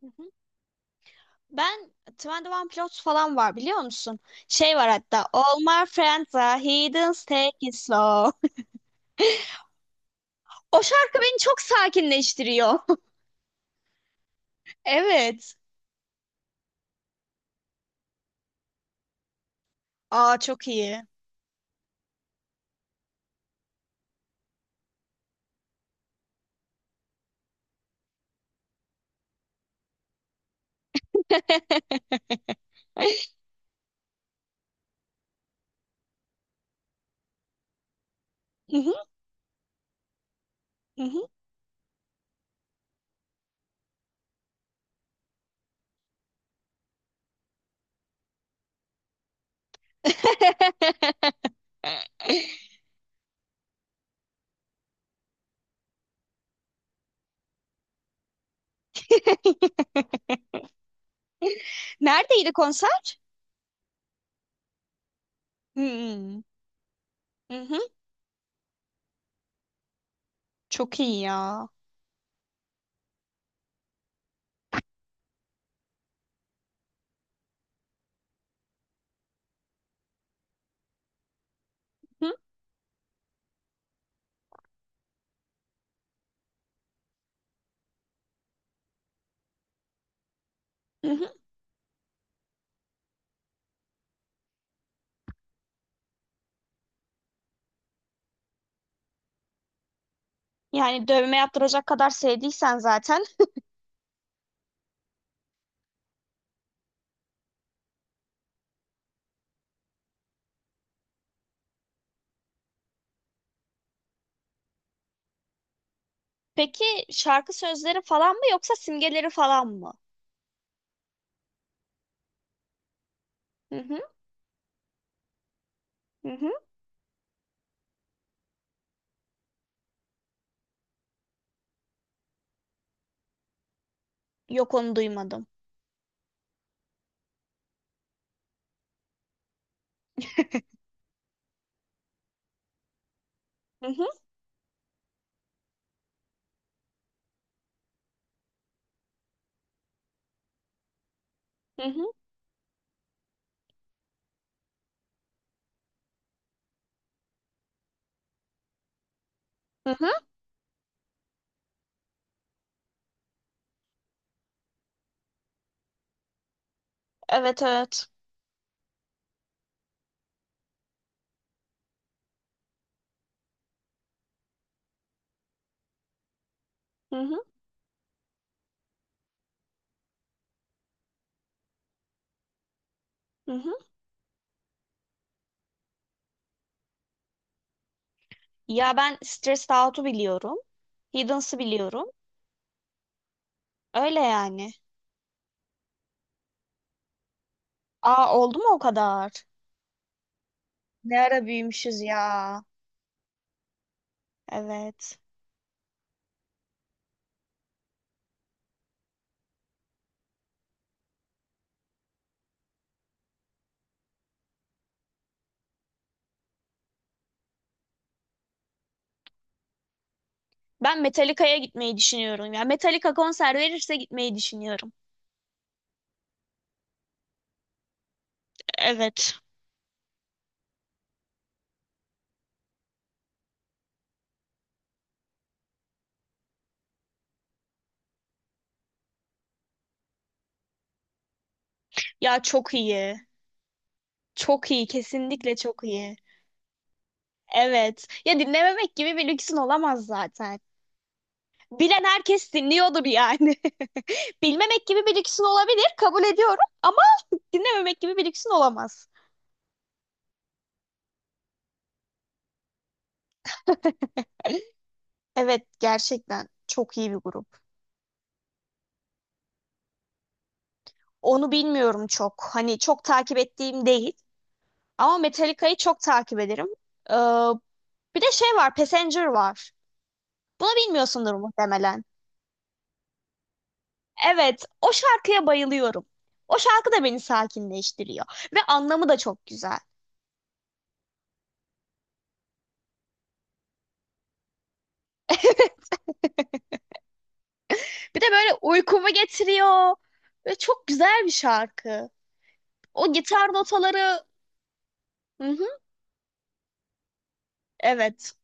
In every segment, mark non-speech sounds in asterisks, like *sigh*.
Hı hı. Ben 21 Pilots falan var biliyor musun? Şey var hatta All my friends are heathens take it slow. *laughs* O şarkı beni çok sakinleştiriyor. *laughs* Evet. Aa çok iyi. Hı hı, hı hı. *laughs* Neredeydi konser? Hmm. Çok iyi ya. Hı, hı hı. Yani dövme yaptıracak kadar sevdiysen zaten. Peki şarkı sözleri falan mı yoksa simgeleri falan mı? Hı hı, hı hı. Yok onu duymadım. Hı hı, hı hı, hı hı. Evet evet. Hı hı, hı hı. Ya ben Stressed Out'u biliyorum. Hiddens'ı biliyorum. Öyle yani. Aa oldu mu o kadar? Ne ara büyümüşüz ya. Evet. Ben Metallica'ya gitmeyi düşünüyorum ya. Metallica konser verirse gitmeyi düşünüyorum. Evet. Ya çok iyi. Çok iyi, kesinlikle çok iyi. Evet. Ya dinlememek gibi bir lüksün olamaz zaten. Bilen herkes dinliyordur yani. *laughs* Bilmemek gibi bir lüksün olabilir, kabul ediyorum ama dinlememek gibi bir lüksün olamaz. *laughs* Evet, gerçekten çok iyi bir grup. Onu bilmiyorum çok. Hani çok takip ettiğim değil. Ama Metallica'yı çok takip ederim. Ee, Bir de şey var, Passenger var. Bunu bilmiyorsundur muhtemelen. Evet, o şarkıya bayılıyorum. O şarkı da beni sakinleştiriyor ve anlamı da çok güzel. *laughs* Bir de böyle uykumu getiriyor ve çok güzel bir şarkı. O gitar notaları, hı hı, evet.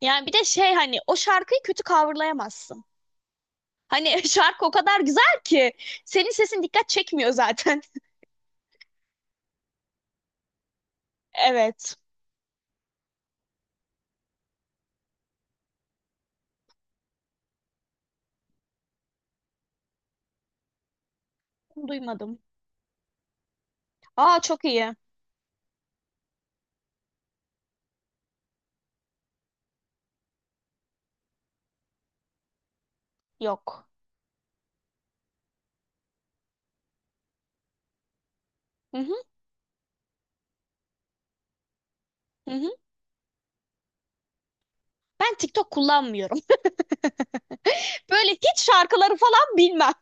Yani bir de şey hani o şarkıyı kötü coverlayamazsın. Hani *laughs* şarkı o kadar güzel ki senin sesin dikkat çekmiyor zaten. *laughs* Evet, duymadım. Aa çok iyi. Yok. Hı hı, hı hı. Ben TikTok kullanmıyorum. *laughs* Böyle hiç şarkıları falan bilmem.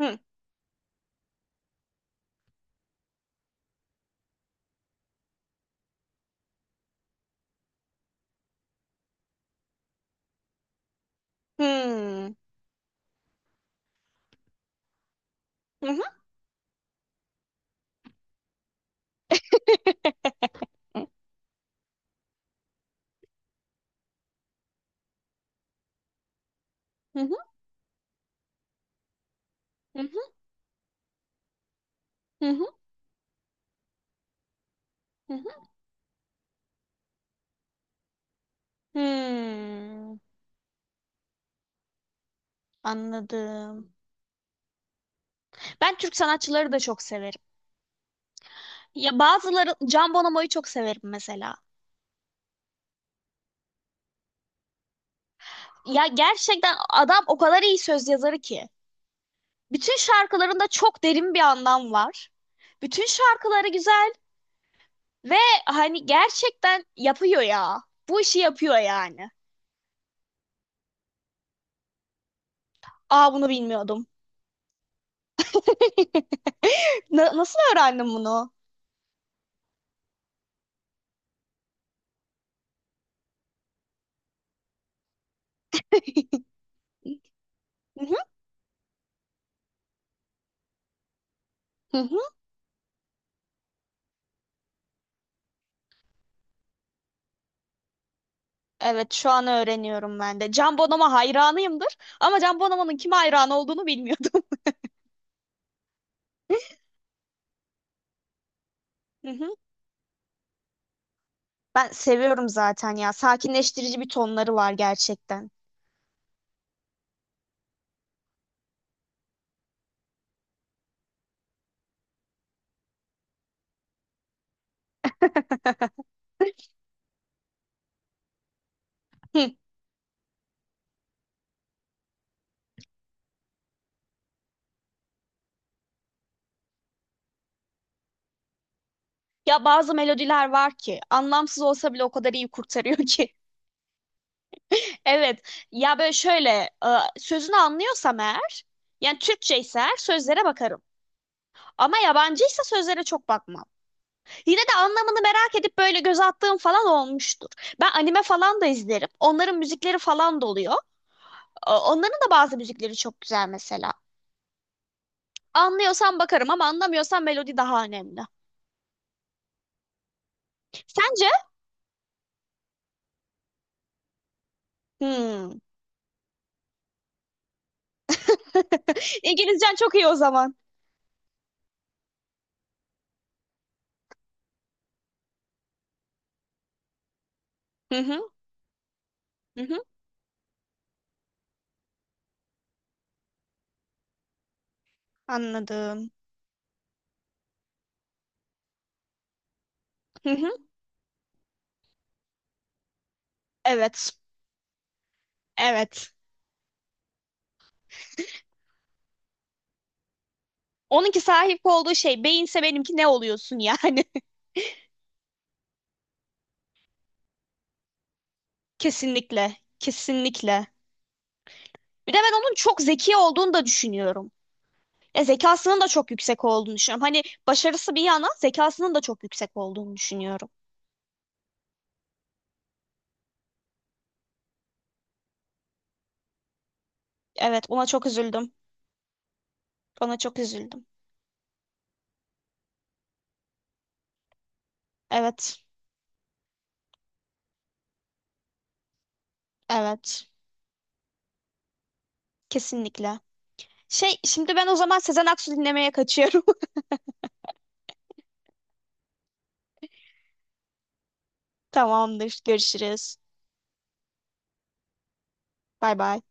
*laughs* Hı. Hmm. Hı hı hı hı hı hı hı hı. Hı. Hmm, anladım. Ben Türk sanatçıları da çok severim. Ya bazıları Can Bonomo'yu çok severim mesela. Ya gerçekten adam o kadar iyi söz yazarı ki. Bütün şarkılarında çok derin bir anlam var. Bütün şarkıları güzel ve hani gerçekten yapıyor ya. Bu işi yapıyor yani. Aa bunu bilmiyordum. *laughs* Na- nasıl öğrendim bunu? *laughs* Hı hı. Hı hı. Evet şu an öğreniyorum ben de. Can Bonomo hayranıyımdır ama Can Bonomo'nun kime hayran olduğunu bilmiyordum. *laughs* Hı hı. Ben seviyorum zaten ya. Sakinleştirici bir tonları var gerçekten. *laughs* Hı. Ya bazı melodiler var ki anlamsız olsa bile o kadar iyi kurtarıyor ki. *laughs* Evet. Ya böyle şöyle e, sözünü anlıyorsam eğer yani Türkçe ise eğer sözlere bakarım. Ama yabancıysa sözlere çok bakmam. Yine de anlamını merak edip böyle göz attığım falan olmuştur. Ben anime falan da izlerim. Onların müzikleri falan da oluyor. O- Onların da bazı müzikleri çok güzel mesela. Anlıyorsam bakarım ama anlamıyorsam melodi daha önemli. Sence? Hmm. *laughs* İngilizcen çok iyi o zaman. Hı hı, hı hı. Anladım. Hı hı. Evet, evet. Onunki sahip olduğu şey beyinse benimki ne oluyorsun yani? *laughs* Kesinlikle, kesinlikle. Bir de ben onun çok zeki olduğunu da düşünüyorum. Zekasının da çok yüksek olduğunu düşünüyorum. Hani başarısı bir yana zekasının da çok yüksek olduğunu düşünüyorum. Evet, ona çok üzüldüm. Ona çok üzüldüm. Evet, evet. Kesinlikle. Şey, şimdi ben o zaman Sezen Aksu dinlemeye kaçıyorum. *laughs* Tamamdır. Görüşürüz. Bay bay.